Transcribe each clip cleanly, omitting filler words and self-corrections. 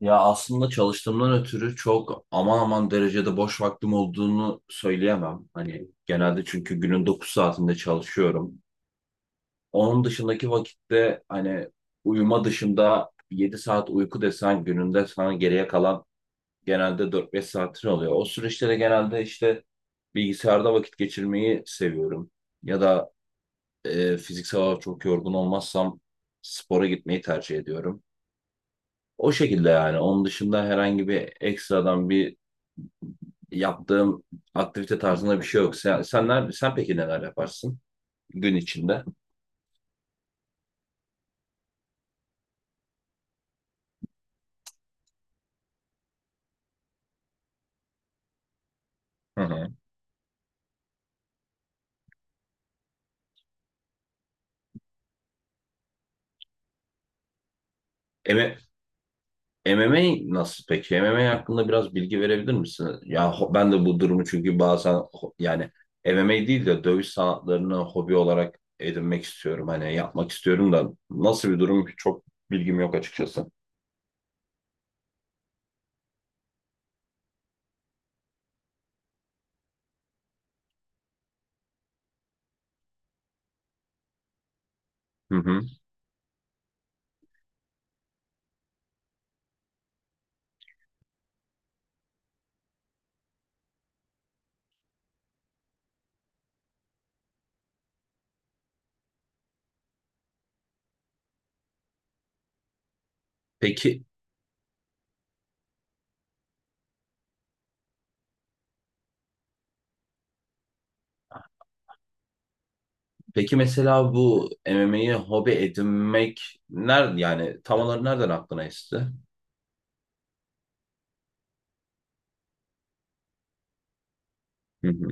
Ya aslında çalıştığımdan ötürü çok aman aman derecede boş vaktim olduğunu söyleyemem. Hani genelde çünkü günün 9 saatinde çalışıyorum. Onun dışındaki vakitte hani uyuma dışında 7 saat uyku desen gününde sana geriye kalan genelde 4-5 saatin oluyor. O süreçte de genelde işte bilgisayarda vakit geçirmeyi seviyorum. Ya da fiziksel olarak çok yorgun olmazsam spora gitmeyi tercih ediyorum. O şekilde yani. Onun dışında herhangi bir ekstradan bir yaptığım aktivite tarzında bir şey yok. Sen peki neler yaparsın gün içinde? Hı hı. Eme- MMA nasıl peki? MMA hakkında biraz bilgi verebilir misin? Ya ben de bu durumu çünkü bazen yani MMA değil de dövüş sanatlarını hobi olarak edinmek istiyorum. Hani yapmak istiyorum da nasıl bir durum ki çok bilgim yok açıkçası. Hı hı. Peki, peki, mesela bu MMA'yi hobi edinmek nerede yani tam olarak nereden aklına esti? Hı hı.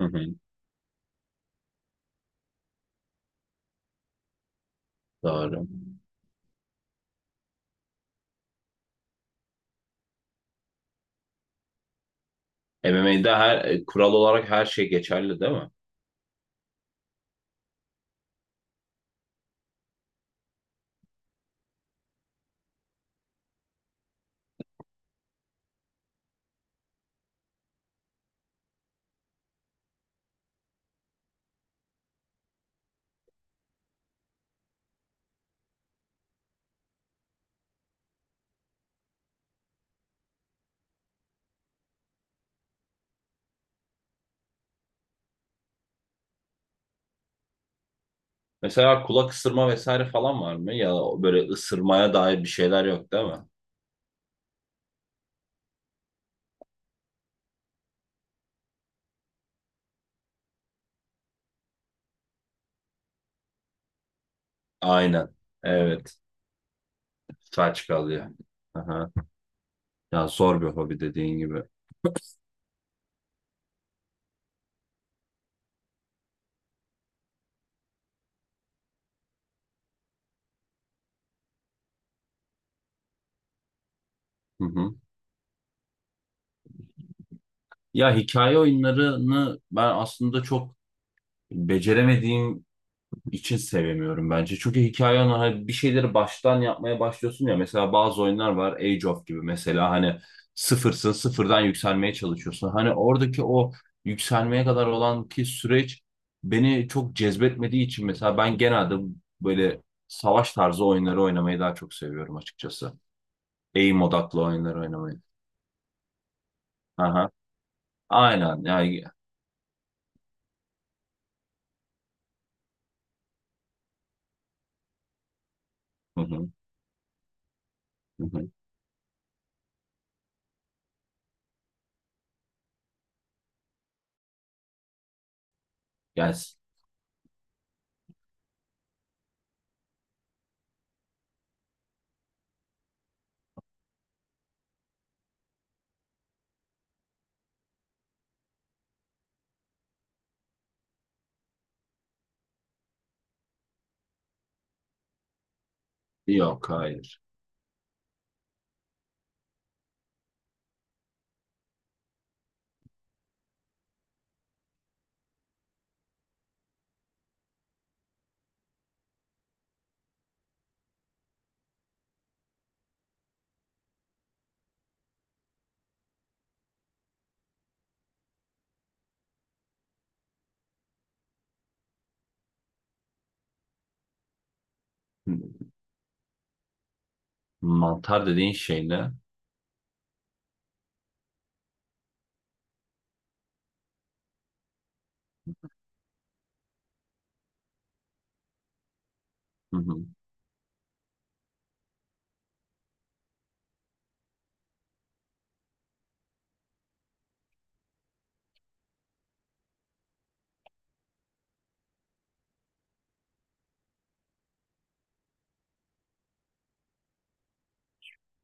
Hı hı. Doğru. MMA'de her kural olarak her şey geçerli değil mi? Mesela kulak ısırma vesaire falan var mı? Ya böyle ısırmaya dair bir şeyler yok değil mi? Aynen. Evet. Saç kalıyor. Aha. Ya zor bir hobi dediğin gibi. Hı hı. Ya hikaye oyunlarını ben aslında çok beceremediğim için sevemiyorum bence. Çünkü hikaye hani bir şeyleri baştan yapmaya başlıyorsun ya. Mesela bazı oyunlar var Age of gibi mesela hani sıfırsın sıfırdan yükselmeye çalışıyorsun. Hani oradaki o yükselmeye kadar olan ki süreç beni çok cezbetmediği için mesela ben genelde böyle savaş tarzı oyunları oynamayı daha çok seviyorum açıkçası. Aim odaklı oyunları oynamayı. Aha. Aynen. Yani, hı hı, hı hı. Yani, yok hayır. Mantar dediğin şey ne? Hı hı.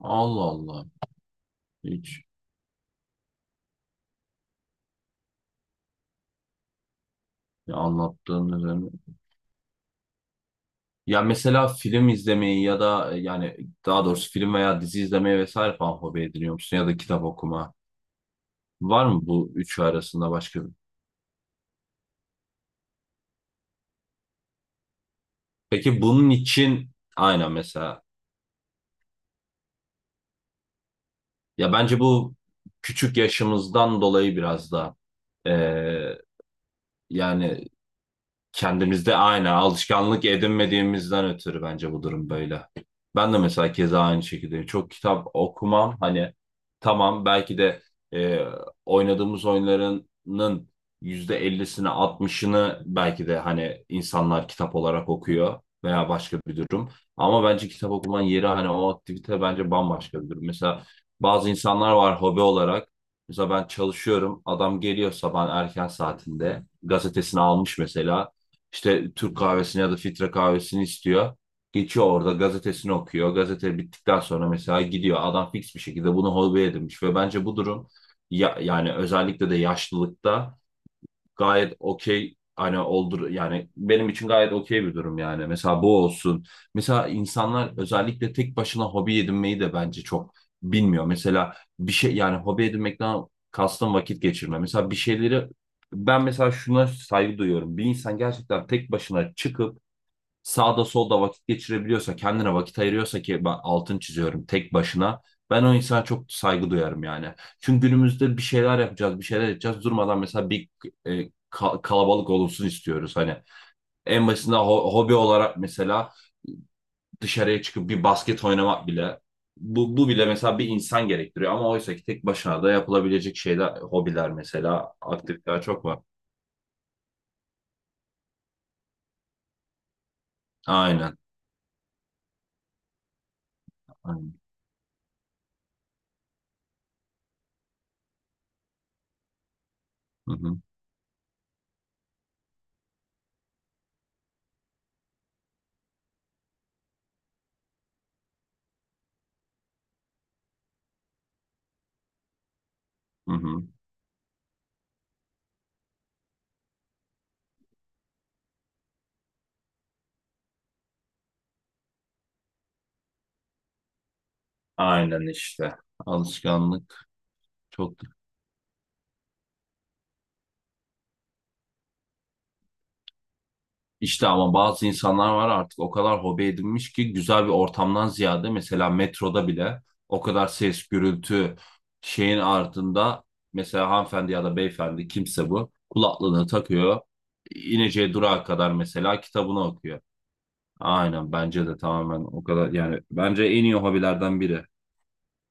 Allah Allah. Hiç ya anlattığın üzerine. Ya mesela film izlemeyi ya da yani daha doğrusu film veya dizi izlemeyi vesaire falan hobi ediniyor musun? Ya da kitap okuma. Var mı bu üçü arasında başka bir? Peki bunun için aynen mesela. Ya bence bu küçük yaşımızdan dolayı biraz da eee, yani kendimizde aynı alışkanlık edinmediğimizden ötürü bence bu durum böyle. Ben de mesela keza aynı şekilde çok kitap okumam hani tamam belki de e, oynadığımız oyunlarının %50'sini 60'ını belki de hani insanlar kitap olarak okuyor veya başka bir durum. Ama bence kitap okumanın yeri hani o aktivite bence bambaşka bir durum. Mesela bazı insanlar var hobi olarak. Mesela ben çalışıyorum. Adam geliyor sabahın erken saatinde. Gazetesini almış mesela işte Türk kahvesini ya da filtre kahvesini istiyor. Geçiyor orada gazetesini okuyor. Gazete bittikten sonra mesela gidiyor. Adam fix bir şekilde bunu hobi edinmiş ve bence bu durum ya, yani özellikle de yaşlılıkta gayet okey hani oldur yani benim için gayet okey bir durum yani. Mesela bu olsun. Mesela insanlar özellikle tek başına hobi edinmeyi de bence çok bilmiyor. Mesela bir şey yani hobi edinmekten kastım vakit geçirme. Mesela bir şeyleri ben mesela şuna saygı duyuyorum. Bir insan gerçekten tek başına çıkıp sağda solda vakit geçirebiliyorsa, kendine vakit ayırıyorsa ki ben altın çiziyorum tek başına. Ben o insana çok saygı duyarım yani. Çünkü günümüzde bir şeyler yapacağız, bir şeyler edeceğiz. Durmadan mesela bir kalabalık olunsun istiyoruz. Hani en basitinden hobi olarak mesela dışarıya çıkıp bir basket oynamak bile bu bile mesela bir insan gerektiriyor ama oysa ki tek başına da yapılabilecek şeyler, hobiler mesela aktiviteler çok var. Aynen. Aynen. Hı hı, hı hı. Aynen işte. Alışkanlık çok. İşte ama bazı insanlar var artık o kadar hobi edinmiş ki güzel bir ortamdan ziyade mesela metroda bile o kadar ses, gürültü şeyin ardında mesela hanımefendi ya da beyefendi kimse bu kulaklığını takıyor. İneceği durağa kadar mesela kitabını okuyor. Aynen bence de tamamen o kadar yani bence en iyi hobilerden biri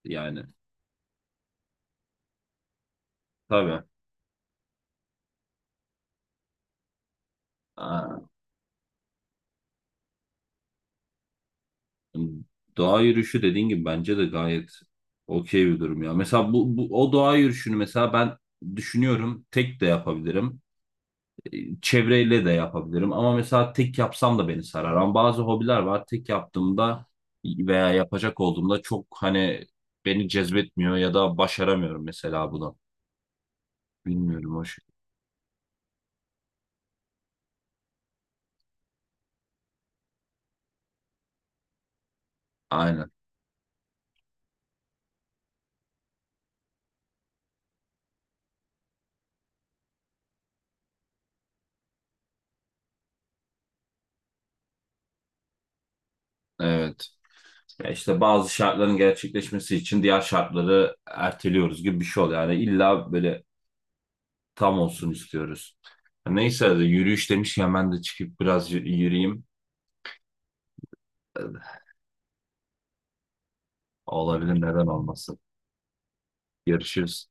yani tabii. Aa. Doğa yürüyüşü dediğin gibi bence de gayet okey bir durum ya. Mesela bu o doğa yürüyüşünü mesela ben düşünüyorum tek de yapabilirim. Çevreyle de yapabilirim ama mesela tek yapsam da beni sarar. Ama bazı hobiler var tek yaptığımda veya yapacak olduğumda çok hani beni cezbetmiyor ya da başaramıyorum mesela bunu. Bilmiyorum o şey. Aynen. Evet. Ya işte bazı şartların gerçekleşmesi için diğer şartları erteliyoruz gibi bir şey oluyor. Yani illa böyle tam olsun istiyoruz. Neyse yürüyüş demişken ben de çıkıp biraz yürüyeyim. Olabilir neden olmasın. Görüşürüz.